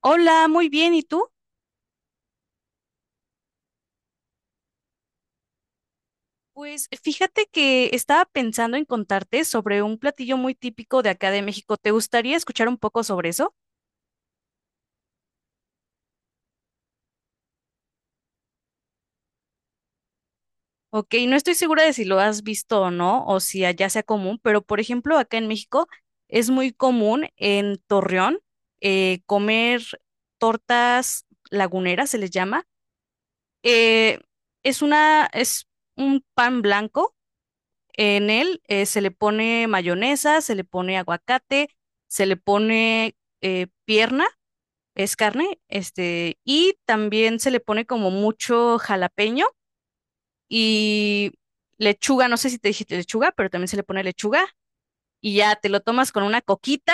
Hola, muy bien. ¿Y tú? Pues fíjate que estaba pensando en contarte sobre un platillo muy típico de acá de México. ¿Te gustaría escuchar un poco sobre eso? Ok, no estoy segura de si lo has visto o no, o si allá sea común, pero por ejemplo, acá en México es muy común en Torreón comer tortas laguneras, se les llama. Eh, es un pan blanco. En él se le pone mayonesa, se le pone aguacate, se le pone pierna, es carne, este, y también se le pone como mucho jalapeño y lechuga, no sé si te dije lechuga, pero también se le pone lechuga, y ya te lo tomas con una coquita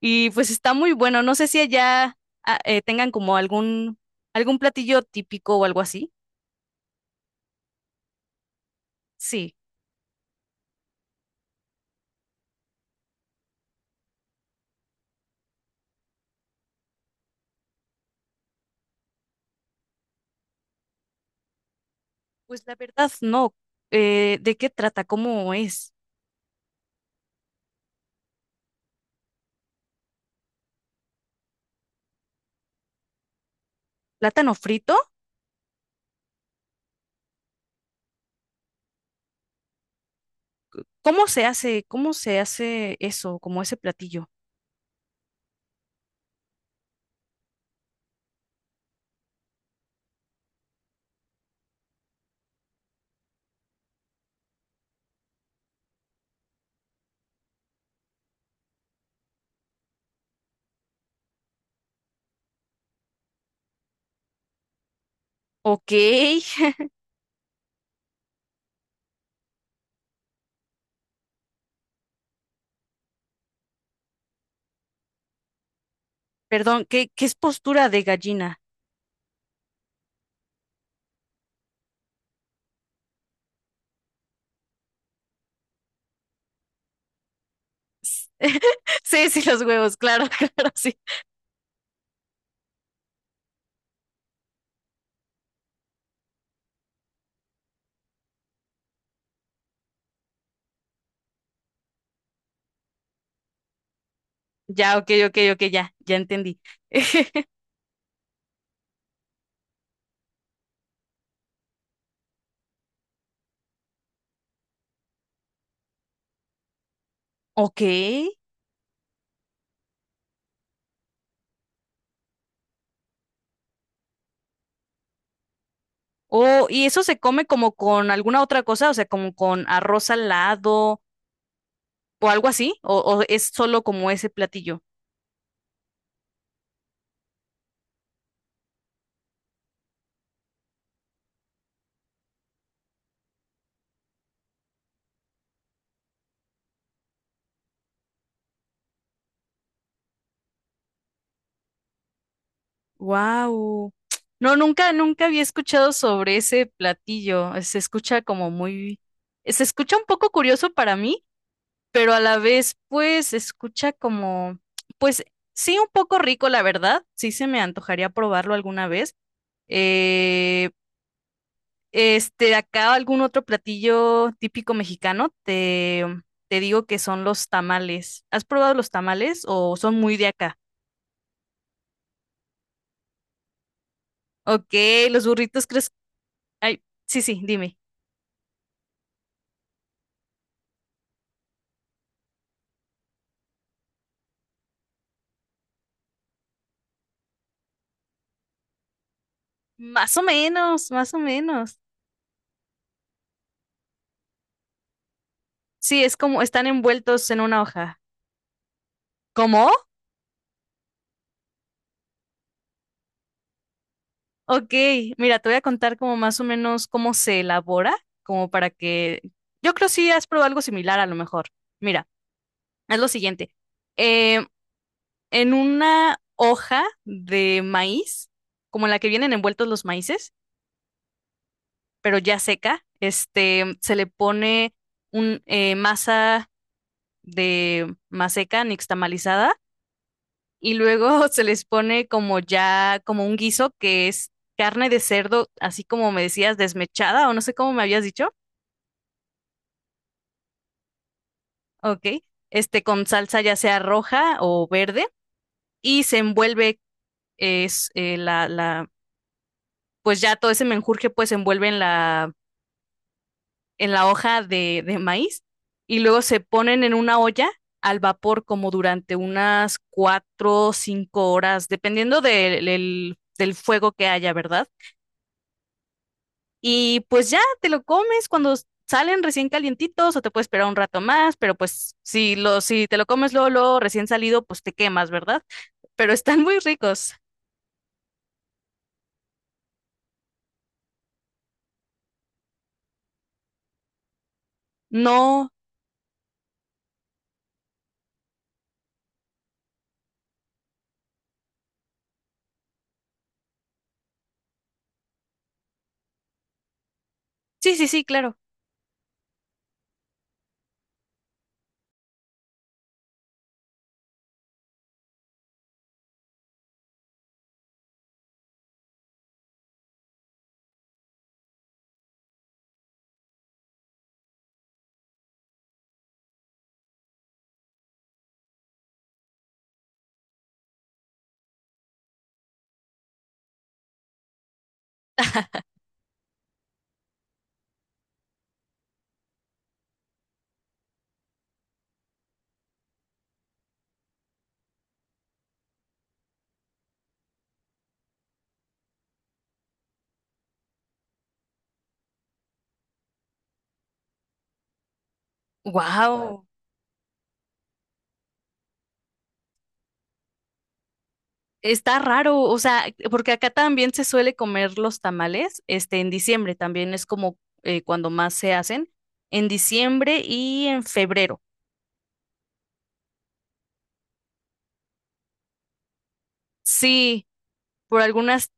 y pues está muy bueno. No sé si allá tengan como algún platillo típico o algo así. Sí, pues la verdad no. ¿De qué trata? ¿Cómo es? ¿Plátano frito? Cómo se hace eso, como ese platillo? Ok. Perdón, ¿qué, qué es postura de gallina? Sí, sí, los huevos, claro, claro, sí. Ya, ok, ok, ok, ya, ya entendí. Ok. Oh, ¿y eso se come como con alguna otra cosa? O sea, como con arroz al lado o algo así, o es solo como ese platillo. Wow. No, nunca, nunca había escuchado sobre ese platillo. Se escucha como se escucha un poco curioso para mí, pero a la vez, pues, se escucha como, pues, sí, un poco rico, la verdad. Sí, se me antojaría probarlo alguna vez. Eh, este, acá algún otro platillo típico mexicano, te digo que son los tamales. ¿Has probado los tamales o son muy de acá? Ok, los burritos, ¿crees? Ay, sí, sí, dime. Más o menos, más o menos. Sí, es como están envueltos en una hoja. ¿Cómo? Ok, mira, te voy a contar como más o menos cómo se elabora, como para que... Yo creo si has probado algo similar a lo mejor. Mira, es lo siguiente. Eh, en una hoja de maíz, como en la que vienen envueltos los maíces, pero ya seca, este, se le pone un masa de maseca nixtamalizada, y luego se les pone como ya, como un guiso que es carne de cerdo, así como me decías, desmechada o no sé cómo me habías dicho, ok, este con salsa ya sea roja o verde y se envuelve es pues ya todo ese menjurje pues se envuelve en en la hoja de maíz y luego se ponen en una olla al vapor como durante unas cuatro o cinco horas, dependiendo del fuego que haya, ¿verdad? Y pues ya te lo comes cuando salen recién calientitos, o te puedes esperar un rato más, pero pues si te lo comes luego, luego recién salido, pues te quemas, ¿verdad? Pero están muy ricos. No, sí, sí, sí, claro. Wow, está raro, o sea, porque acá también se suele comer los tamales, este, en diciembre también es como cuando más se hacen, en diciembre y en febrero. Sí, por algunas,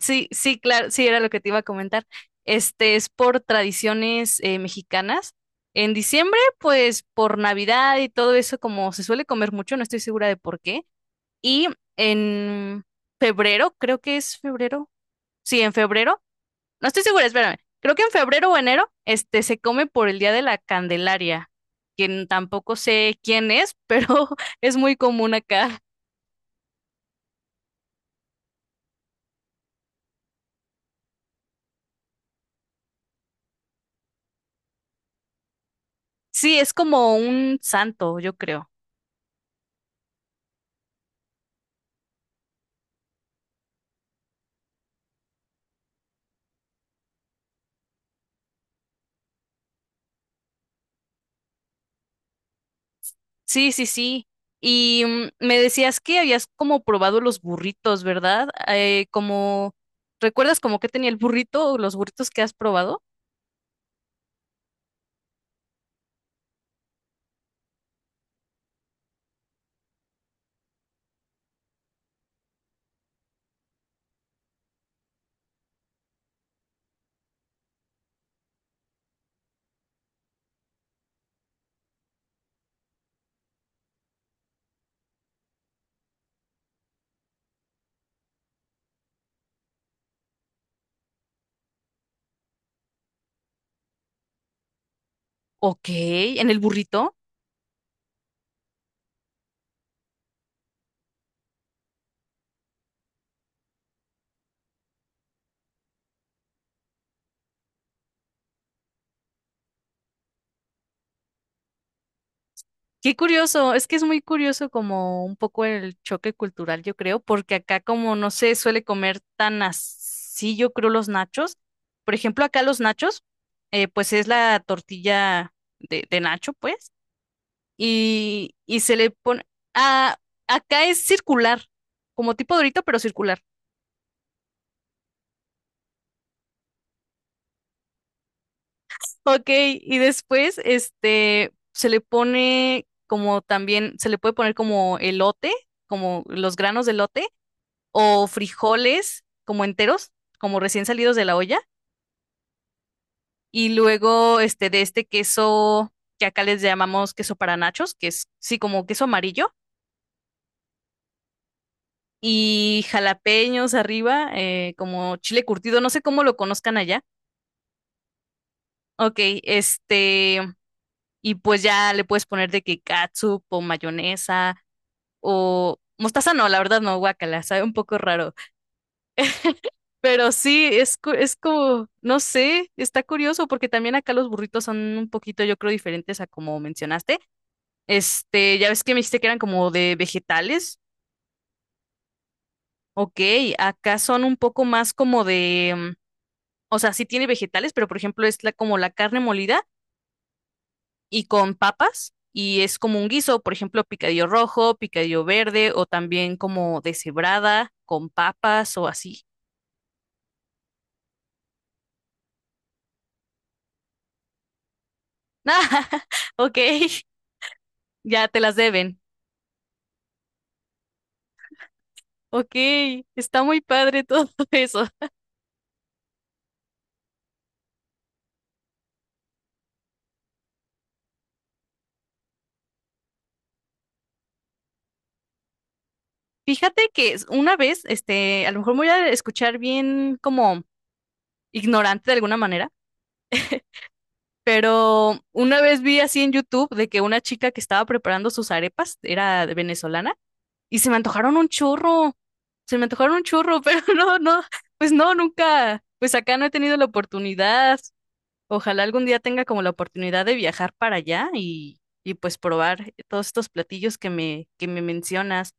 sí, sí, claro, sí, era lo que te iba a comentar. Este es por tradiciones mexicanas. En diciembre, pues por Navidad y todo eso, como se suele comer mucho, no estoy segura de por qué. Y en febrero, creo que es febrero. Sí, en febrero. No estoy segura, espérame. Creo que en febrero o enero, este se come por el Día de la Candelaria, quien tampoco sé quién es, pero es muy común acá. Sí, es como un santo, yo creo. Sí, sí, sí. Y me decías que habías como probado los burritos, ¿verdad? ¿Recuerdas como que tenía el burrito o los burritos que has probado? Ok, en el burrito. Qué curioso, es que es muy curioso como un poco el choque cultural, yo creo, porque acá como no se suele comer tan así, yo creo, los nachos. Por ejemplo, acá los nachos, pues es la tortilla de nacho, pues. Y, y se le pone... Ah, acá es circular, como tipo Dorito, pero circular. Ok, y después este, se le pone como también, se le puede poner como elote, como los granos de elote, o frijoles como enteros, como recién salidos de la olla. Y luego este, de este queso que acá les llamamos queso para nachos, que es sí como queso amarillo. Y jalapeños arriba, como chile curtido, no sé cómo lo conozcan allá. Ok, este, y pues ya le puedes poner de que catsup o mayonesa o mostaza, no, la verdad no, guacala, sabe un poco raro, pero sí, es como, no sé, está curioso porque también acá los burritos son un poquito, yo creo, diferentes a como mencionaste. Este, ya ves que me dijiste que eran como de vegetales, ok, acá son un poco más como de, mm, o sea, sí tiene vegetales, pero por ejemplo es como la carne molida y con papas, y es como un guiso, por ejemplo, picadillo rojo, picadillo verde, o también como deshebrada con papas o así. Ah, ok, ya te las deben. Ok, está muy padre todo eso. Fíjate que una vez, este, a lo mejor me voy a escuchar bien como ignorante de alguna manera, pero una vez vi así en YouTube de que una chica que estaba preparando sus arepas, era de venezolana, y se me antojaron un churro, se me antojaron un churro, pero no, no, pues no, nunca, pues acá no he tenido la oportunidad. Ojalá algún día tenga como la oportunidad de viajar para allá y pues probar todos estos platillos que que me mencionas.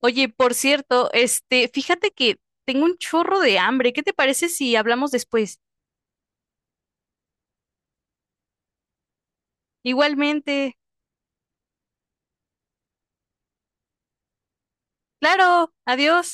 Oye, por cierto, este, fíjate que tengo un chorro de hambre. ¿Qué te parece si hablamos después? Igualmente. Claro, adiós.